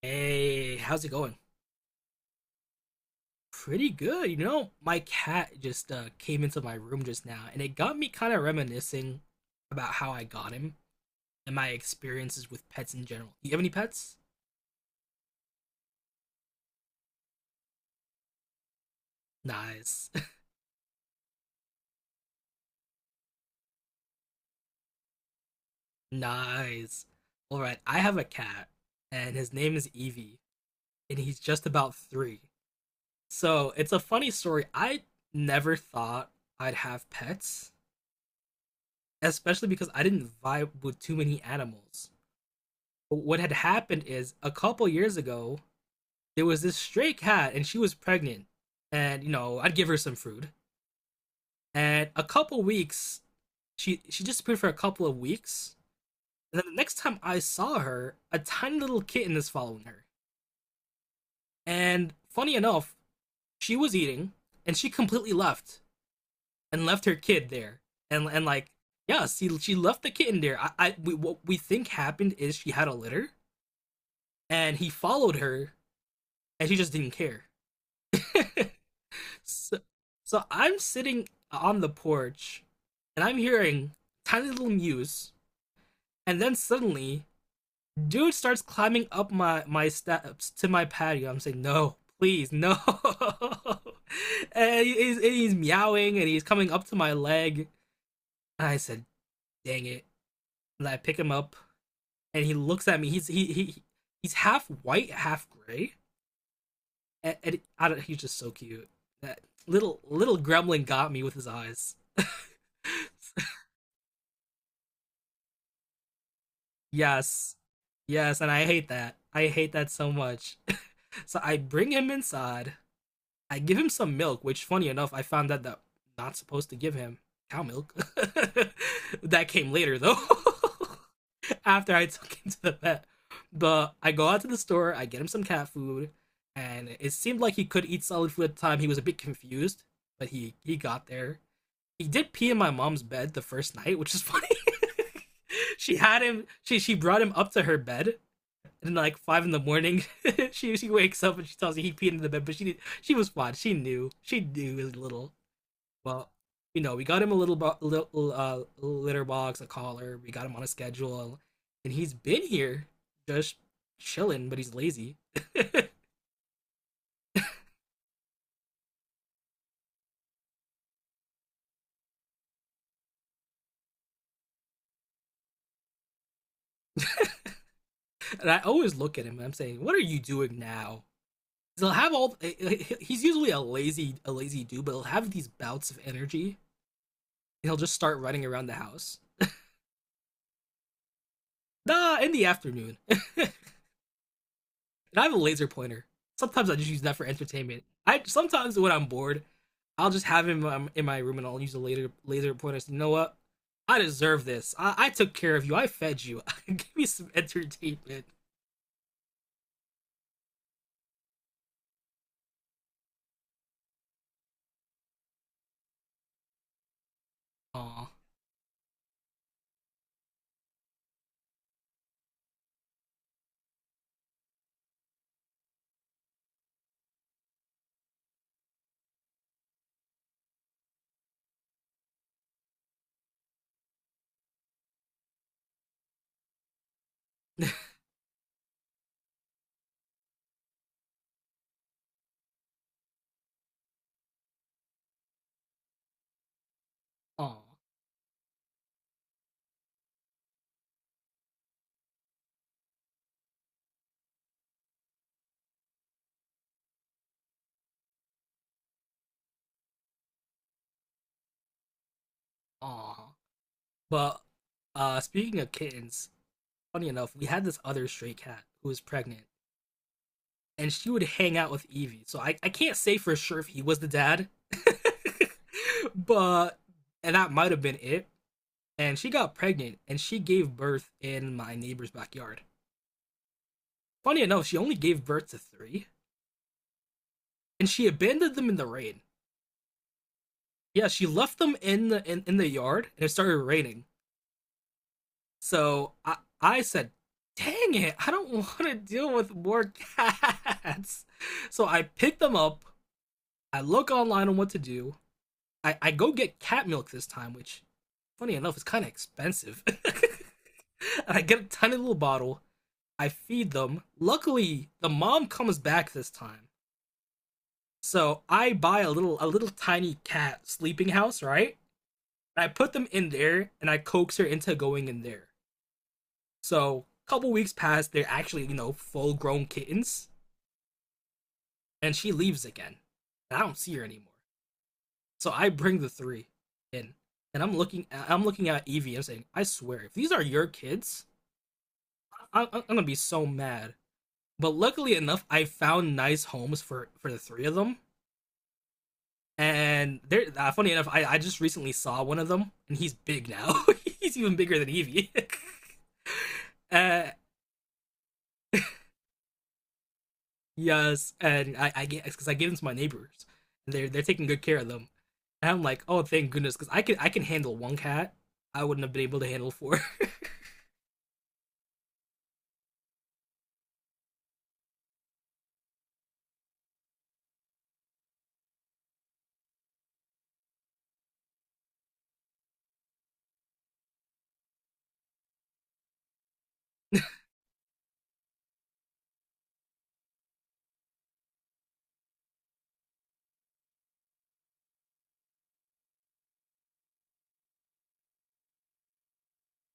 Hey, how's it going? Pretty good. You know, my cat just came into my room just now, and it got me kind of reminiscing about how I got him and my experiences with pets in general. You have any pets? Nice. Nice. All right, I have a cat, and his name is Evie, and he's just about three. So it's a funny story. I never thought I'd have pets, especially because I didn't vibe with too many animals. But what had happened is a couple years ago, there was this stray cat and she was pregnant, and I'd give her some food. And a couple weeks she disappeared for a couple of weeks. And then the next time I saw her, a tiny little kitten is following her. And funny enough, she was eating, and she completely left and left her kid there. And like yeah, see, she left the kitten there. I what we think happened is she had a litter and he followed her, and she just didn't care. So, so I'm sitting on the porch and I'm hearing tiny little mews. And then suddenly, dude starts climbing up my steps to my patio. I'm saying, no, please, no. And he's meowing and he's coming up to my leg. And I said, dang it. And I pick him up and he looks at me. He's he he's half white, half gray. And I don't, He's just so cute. That little gremlin got me with his eyes. Yes. Yes, and I hate that. I hate that so much. So I bring him inside. I give him some milk, which funny enough, I found out that I'm not supposed to give him cow milk. That came later though. After I took him to the vet. But I go out to the store, I get him some cat food, and it seemed like he could eat solid food at the time. He was a bit confused, but he got there. He did pee in my mom's bed the first night, which is funny. She had him. She brought him up to her bed, and like five in the morning, she wakes up and she tells me he peed in the bed. But she did, she was fine. She knew. She knew he little. Well, we got him a little litter box, a collar. We got him on a schedule, and he's been here just chilling, but he's lazy. And I always look at him and I'm saying, "What are you doing now?" he'll have all He's usually a lazy dude, but he'll have these bouts of energy. He'll just start running around the house, nah, in the afternoon. And I have a laser pointer. Sometimes I just use that for entertainment. I sometimes, when I'm bored, I'll just have him in my room and I'll use a laser pointer. So, you know what, I deserve this. I took care of you, I fed you. Give me some entertainment. Aw. Aw. Aw. But speaking of kittens, funny enough, we had this other stray cat who was pregnant, and she would hang out with Evie. So I can't say for sure if he was the dad. but and that might have been it. And she got pregnant and she gave birth in my neighbor's backyard. Funny enough, she only gave birth to three, and she abandoned them in the rain. Yeah, she left them in in the yard, and it started raining. So I said, "Dang it, I don't want to deal with more cats." So I picked them up. I look online on what to do. I go get cat milk this time, which funny enough is kind of expensive. And I get a tiny little bottle. I feed them. Luckily, the mom comes back this time, so I buy a little tiny cat sleeping house. Right. And I put them in there, and I coax her into going in there. So a couple weeks pass, they're actually, full grown kittens, and she leaves again. And I don't see her anymore. So I bring the three in, and I'm looking at Evie and saying, I swear, if these are your kids, I'm gonna be so mad. But luckily enough, I found nice homes for the three of them. And they're funny enough, I just recently saw one of them, and he's big now. He's even bigger than Evie. uh, yes, and I get, because I give them to my neighbors, and they're taking good care of them. And I'm like, oh, thank goodness, because I can handle one cat. I wouldn't have been able to handle four.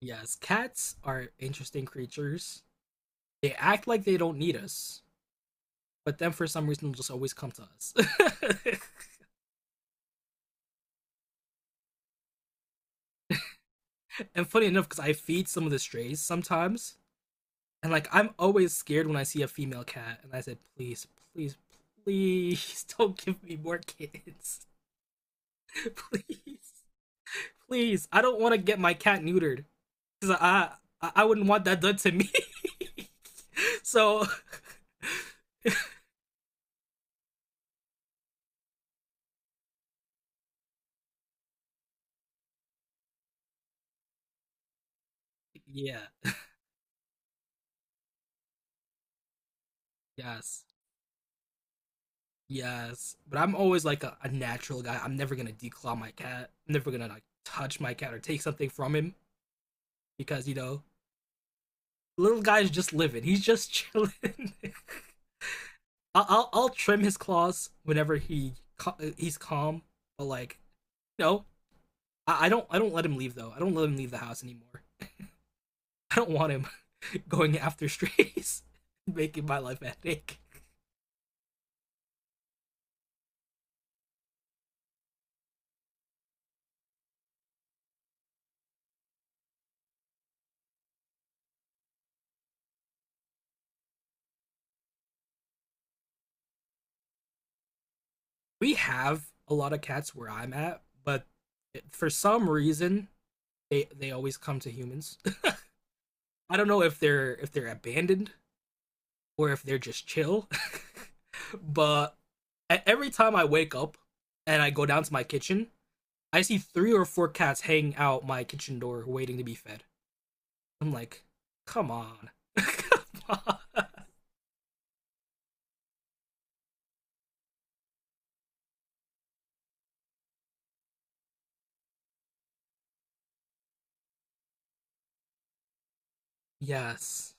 Yes, cats are interesting creatures. They act like they don't need us, but then for some reason just always come to us. And funny enough, because I feed some of the strays sometimes, and like I'm always scared when I see a female cat, and I said, please, please, please, don't give me more kids, please, please. I don't want to get my cat neutered because I wouldn't want that done to me. So yeah, yes. Yes, but I'm always like a natural guy. I'm never gonna declaw my cat. I'm never gonna like touch my cat or take something from him because little guy's just living. He's just chilling. I'll trim his claws whenever he's calm. But like no, I don't let him leave though. I don't let him leave the house anymore. I don't want him going after strays, making my life a headache. We have a lot of cats where I'm at, but for some reason they always come to humans. I don't know if they're, abandoned or if they're just chill. But every time I wake up and I go down to my kitchen, I see three or four cats hanging out my kitchen door waiting to be fed. I'm like, come on. Come on. Yes.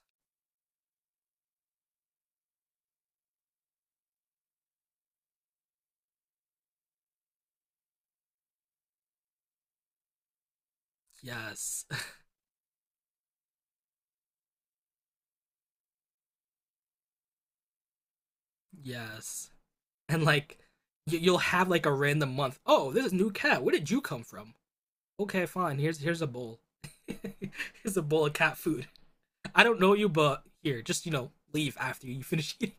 Yes. Yes. And like you'll have like a random month. Oh, this is a new cat. Where did you come from? Okay, fine. Here's a bowl. Here's a bowl of cat food. I don't know you, but here, just, leave after you finish eating.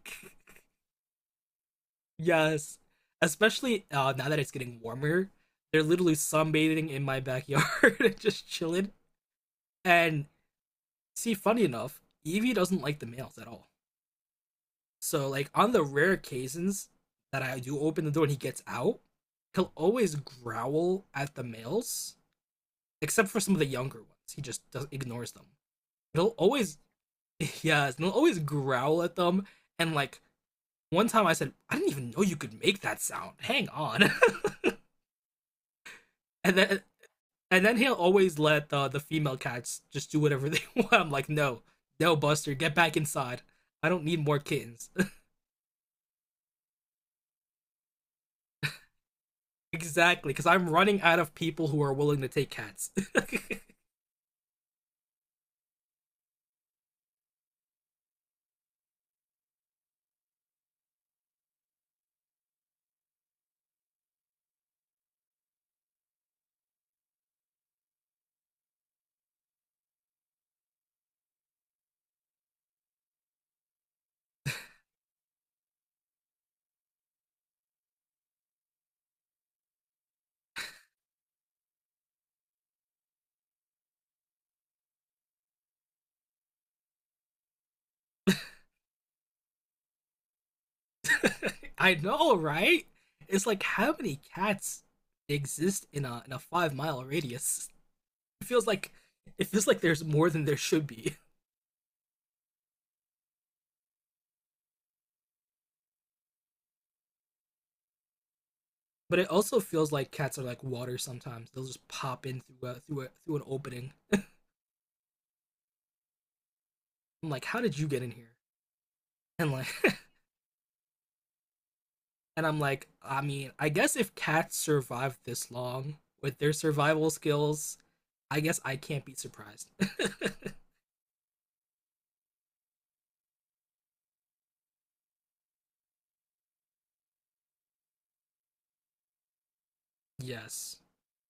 Yes, especially now that it's getting warmer. They're literally sunbathing in my backyard and just chilling. And see, funny enough, Evie doesn't like the males at all. So like on the rare occasions that I do open the door and he gets out, he'll always growl at the males, except for some of the younger ones. He just does, ignores them. He'll always, yes, he'll always growl at them, and like one time I said, I didn't even know you could make that sound. Hang on. and then and then he'll always let the female cats just do whatever they want. I'm like, no, no, Buster, get back inside. I don't need more kittens. Exactly, because I'm running out of people who are willing to take cats. I know, right? It's like how many cats exist in a 5-mile radius? It feels like it feels like there's more than there should be. But it also feels like cats are like water sometimes. They'll just pop in through an opening. I'm like, how did you get in here? And like, and I'm like, I mean, I guess if cats survive this long with their survival skills, I guess I can't be surprised. Yes.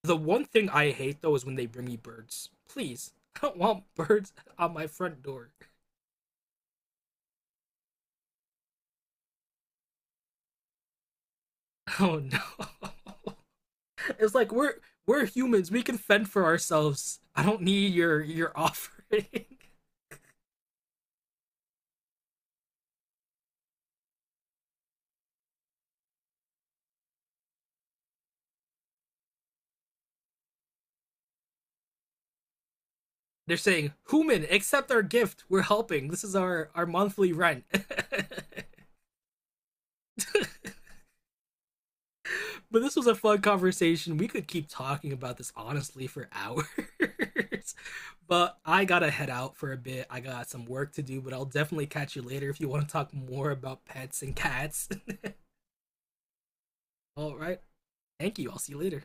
The one thing I hate though is when they bring me birds. Please, I don't want birds on my front door. Oh no. It's like we're humans. We can fend for ourselves. I don't need your offering. They're saying, "Human, accept our gift. We're helping. This is our monthly rent." But this was a fun conversation. We could keep talking about this honestly for hours. But I gotta head out for a bit. I got some work to do, but I'll definitely catch you later if you want to talk more about pets and cats. All right. Thank you. I'll see you later.